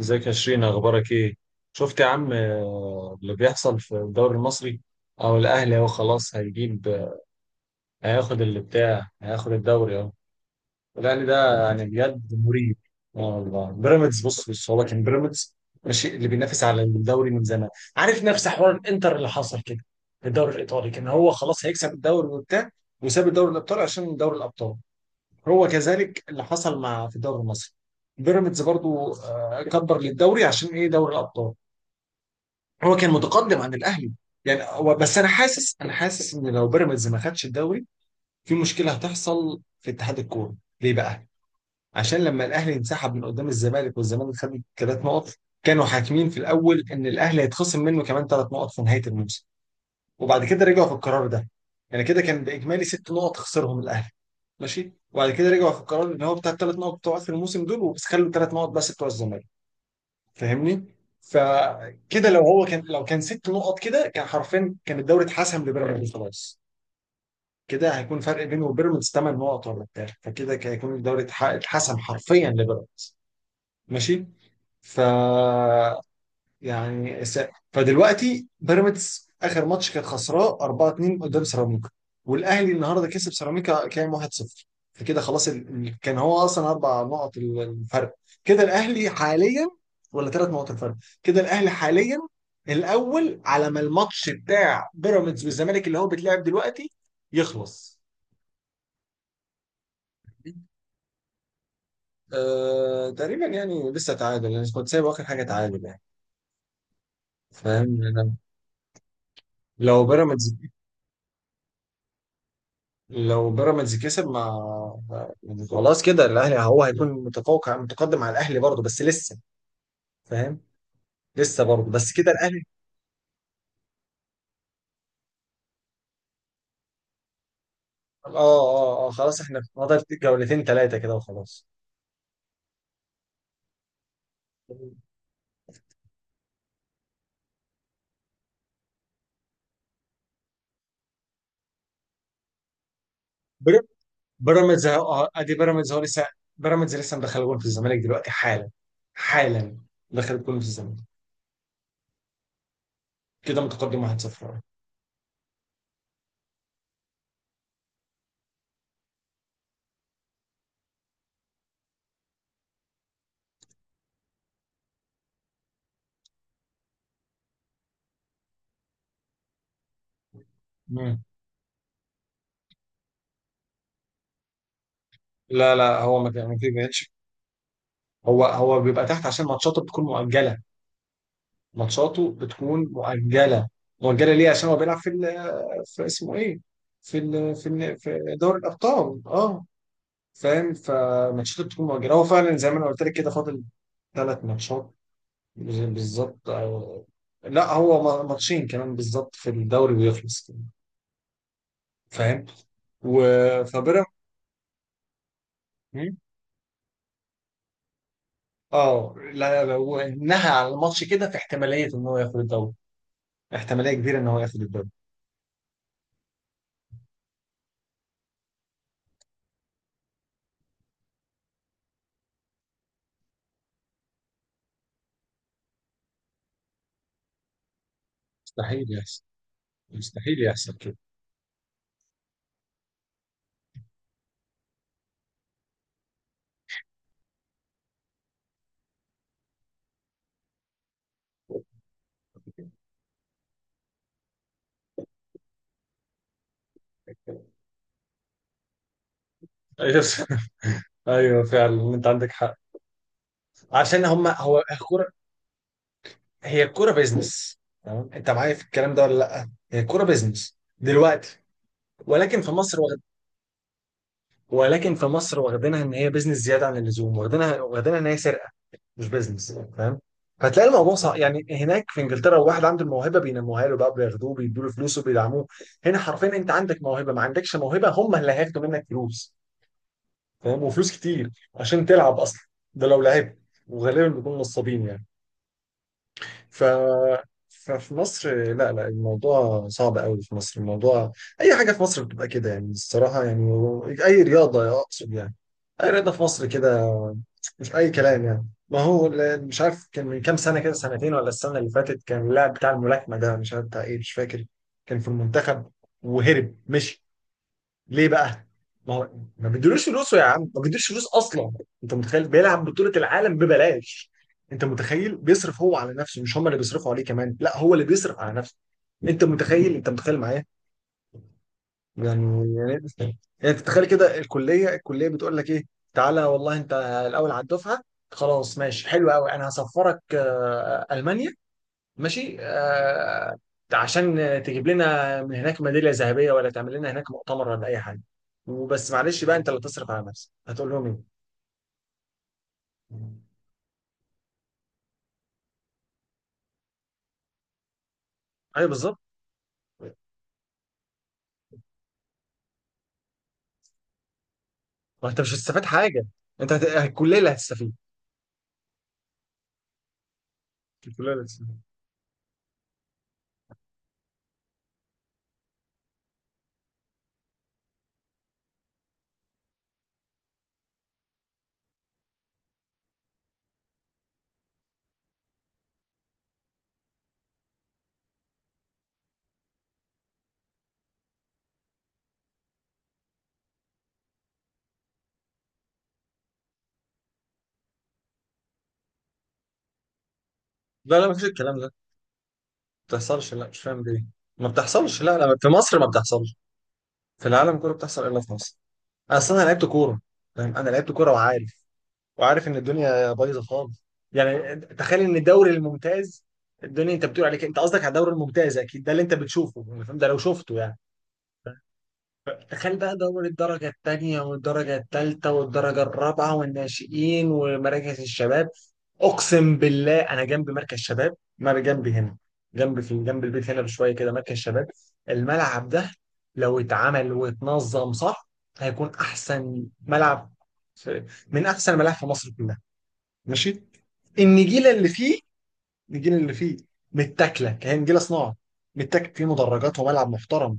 ازيك يا شيرين، اخبارك ايه؟ شفت يا عم اللي بيحصل في الدوري المصري؟ او الاهلي اهو خلاص هيجيب، هياخد اللي بتاع، هياخد الدوري اهو. الاهلي ده يعني بجد مريب. اه والله. بيراميدز، بص هو كان بيراميدز، ماشي، اللي بينافس على الدوري من زمان. عارف نفس حوار الانتر اللي حصل كده في الدوري الايطالي، كان هو خلاص هيكسب الدوري وبتاع، وساب الدوري الابطال عشان دوري الابطال. هو كذلك اللي حصل مع في الدوري المصري. بيراميدز برضو كبر للدوري عشان ايه؟ دوري الابطال، هو كان متقدم عن الاهلي. يعني هو بس انا حاسس، ان لو بيراميدز ما خدش الدوري، في مشكله هتحصل في اتحاد الكوره. ليه بقى؟ عشان لما الاهلي انسحب من قدام الزمالك، والزمالك خد ثلاث نقط، كانوا حاكمين في الاول ان الاهلي هيتخصم منه كمان 3 نقط في نهايه الموسم، وبعد كده رجعوا في القرار ده. يعني كده كان باجمالي 6 نقط خسرهم الاهلي، ماشي. وبعد كده رجعوا في القرار ان هو بتاع ال3 نقط بتوع اخر الموسم دول وبس، خلوا ال3 نقط بس بتوع الزمالك. فاهمني؟ فكده لو هو كان، لو كان 6 نقط كده كان حرفيا كان الدوري اتحسم لبيراميدز خلاص. كده هيكون فرق بينه وبيراميدز 8 نقط ولا بتاع، فكده كان هيكون الدوري اتحسم حرفيا لبيراميدز، ماشي. ف يعني س... فدلوقتي بيراميدز اخر ماتش كانت خسراه 4-2 قدام سيراميكا، والاهلي النهارده كسب سيراميكا كام 1-0. فكده خلاص ال... كان هو اصلا 4 نقط الفرق، كده الاهلي حاليا، ولا 3 نقط الفرق، كده الاهلي حاليا الاول على ما الماتش بتاع بيراميدز والزمالك اللي هو بيتلعب دلوقتي يخلص. تقريبا يعني لسه تعادل، يعني كنت سايب اخر حاجه تعادل يعني. فاهم أنا. لو بيراميدز، لو بيراميدز كسب، ما يعني خلاص كده الاهلي، هو هيكون متفوق متقدم على الاهلي برضه بس لسه. فاهم. لسه برضه بس كده الاهلي. اه خلاص، احنا فاضل جولتين ثلاثه كده وخلاص. بير- بيراميدز اهو، ادي بيراميدز هو لسه، بيراميدز لسه مدخل جول في الزمالك دلوقتي، حالا حالا دخل جول في الزمالك. كده متقدم 1-0. مم. لا هو ما كانش. هو هو بيبقى تحت عشان ماتشاته بتكون مؤجله، ماتشاته بتكون مؤجله مؤجله ليه؟ عشان هو بيلعب في ال، في اسمه ايه، في ال في ال في دوري الابطال، اه. فاهم. فماتشاته بتكون مؤجله. هو فعلا زي ما انا قلت لك كده فاضل 3 ماتشات. بالظبط لا هو ماتشين كمان بالظبط في الدوري ويخلص كده. فاهم. و فبيراميدز. مم. اه، لا، لو انها على الماتش كده، في احتماليه ان هو ياخد الدوري، احتماليه كبيره ان هو ياخد الدوري. مستحيل يحصل، مستحيل يحصل كده. ايوه فعلا انت عندك حق. عشان هم هو الكوره، هي الكوره بيزنس. تمام؟ انت معايا في الكلام ده ولا لا؟ هي الكوره بيزنس دلوقتي، ولكن في مصر ولكن في مصر واخدينها ان هي بيزنس زياده عن اللزوم، واخدينها ان هي سرقه مش بيزنس. فاهم؟ فتلاقي الموضوع صعب. يعني هناك في انجلترا لو واحد عنده الموهبه بينموها له بقى، بياخدوه، بيدوا له فلوس، وبيدعموه. هنا حرفيا انت عندك موهبه، ما عندكش موهبه، هم اللي هياخدوا منك فلوس. فاهم؟ وفلوس كتير عشان تلعب اصلا، ده لو لعبت. وغالبا بيكونوا نصابين يعني. ف ففي مصر، لا الموضوع صعب قوي في مصر، الموضوع اي حاجه في مصر بتبقى كده يعني الصراحه يعني. اي رياضه اقصد يعني، اي رياضه في مصر كده، مش اي كلام يعني. ما هو مش عارف، كان من كام سنه كده، سنتين ولا السنه اللي فاتت، كان اللاعب بتاع الملاكمه ده، مش عارف بتاع ايه مش فاكر، كان في المنتخب وهرب مشي. ليه بقى؟ ما هو ما بيدولوش فلوسه يا عم، ما بيدولوش فلوس اصلا. انت متخيل بيلعب بطولة العالم ببلاش؟ انت متخيل بيصرف هو على نفسه؟ مش هم اللي بيصرفوا عليه، كمان لا هو اللي بيصرف على نفسه. انت متخيل؟ معايا؟ يعني يعني يعني تتخيل كده، الكليه، بتقول لك ايه؟ تعالى والله انت الاول على الدفعه، خلاص ماشي حلو قوي، انا هسفرك المانيا ماشي، آه، عشان تجيب لنا من هناك ميداليه ذهبيه ولا تعمل لنا هناك مؤتمر ولا اي حاجه. وبس معلش بقى، انت اللي تصرف على نفسك. هتقول لهم ايه؟ ايوه بالظبط. ما انت مش هتستفاد حاجه، الكليه اللي هتستفيد، الكليه اللي هتستفيد لا لا، ما فيش، الكلام ده ما بتحصلش. لا مش فاهم ليه، ما بتحصلش، لا لا، في مصر ما بتحصلش، في العالم كله بتحصل الا في مصر. اصلا انا لعبت كوره، فاهم، انا لعبت كوره وعارف، ان الدنيا بايظه خالص. يعني تخيل ان الدوري الممتاز، الدنيا، انت بتقول عليك انت، قصدك على الدوري الممتاز اكيد، ده اللي انت بتشوفه أنا فاهم؟ ده لو شفته يعني. تخيل بقى دوري الدرجه الثانيه، والدرجه الثالثه والدرجه الرابعه، والناشئين ومراكز الشباب. اقسم بالله، انا جنب مركز شباب ما جنبي هنا، جنب، في جنب البيت هنا بشويه كده مركز شباب. الملعب ده لو اتعمل واتنظم صح هيكون احسن ملعب، من احسن الملاعب في مصر كلها، ماشي. النجيله اللي فيه، النجيله اللي فيه متاكله، كهي نجيله صناعه، متاكل، فيه مدرجات وملعب محترم.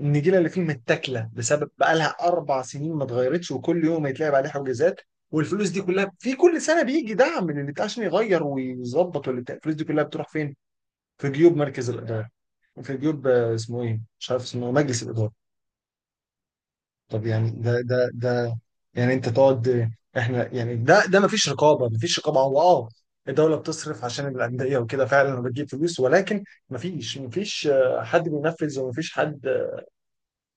النجيله اللي فيه متاكله بسبب بقالها 4 سنين ما اتغيرتش، وكل يوم يتلعب عليه حجوزات. والفلوس دي كلها، في كل سنه بيجي دعم من اللي عشان يغير ويظبط واللي بتاع. الفلوس دي كلها بتروح فين؟ في جيوب مركز الاداره، في جيوب اسمه ايه؟ مش عارف اسمه، مجلس الاداره. طب يعني ده يعني انت تقعد. احنا يعني ده مفيش رقابه، هو اه، الدوله بتصرف عشان الانديه وكده فعلا، وبتجيب فلوس، ولكن مفيش، حد بينفذ ومفيش حد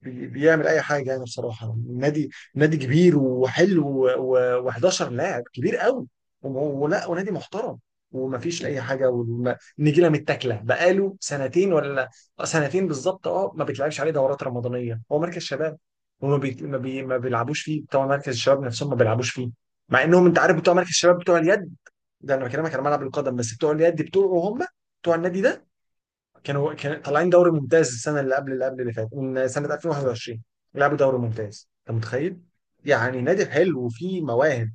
بيعمل اي حاجه يعني بصراحه. نادي، كبير وحلو، و11 لاعب كبير قوي، وم- ولا ونادي محترم. ومفيش اي حاجه، والنجيله متاكله بقاله سنتين ولا سنتين بالظبط، اه. ما بيتلعبش عليه دورات رمضانيه، هو مركز شباب. وما بي... ما, بي... ما بيلعبوش فيه بتوع مركز الشباب نفسهم، ما بيلعبوش فيه، مع انهم انت عارف بتوع مركز الشباب، بتوع اليد، ده انا بكلمك على ملعب القدم. بس بتوع اليد بتوعه، هم بتوع النادي ده، كانوا كان طالعين دوري ممتاز، السنه اللي قبل اللي قبل اللي فاتت، من سنه 2021 لعبوا دوري ممتاز، انت متخيل؟ يعني نادي حلو وفيه مواهب.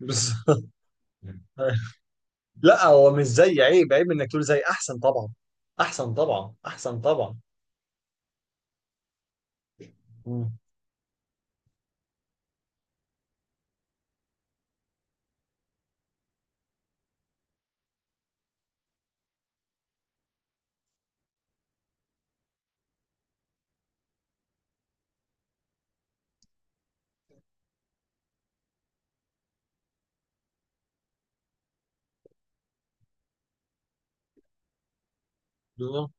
بالظبط. لا هو مش زي، عيب عيب انك تقول زي، احسن طبعا. احسن طبعا، احسن طبعا. مم. بالظبط.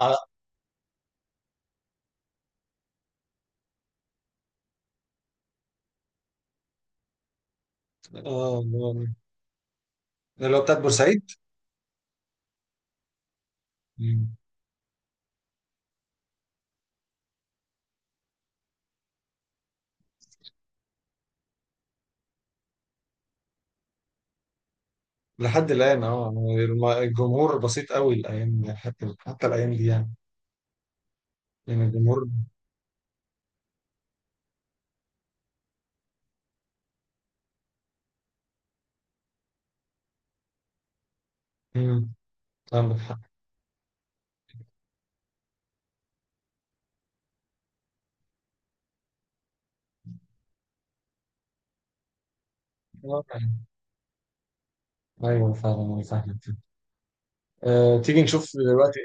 على. اه. آه. اللي هو بتاعت بورسعيد. مم. لحد الان، اه، الجمهور بسيط قوي الايام دي، حتى حتى الايام دي يعني. يعني الجمهور. مم. عندك حق. آه. ايوه فعلا انا فاهم. أه تيجي نشوف دلوقتي.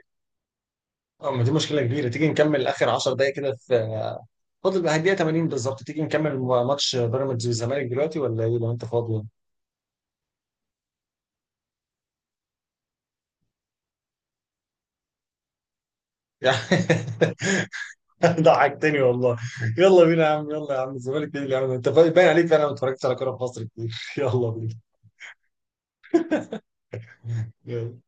اه ما دي مشكلة كبيرة. تيجي نكمل آخر 10 دقايق كده في فاضل بقى الدقيقة 80 بالظبط. تيجي نكمل ماتش بيراميدز والزمالك دلوقتي ولا ايه؟ لو انت فاضي يعني. ضحكتني والله. يلا بينا يا عم، يلا يا عم الزمالك، ايه اللي عم انت باين عليك فعلا ما اتفرجتش على كورة في مصر كتير. يلا بينا. يلا.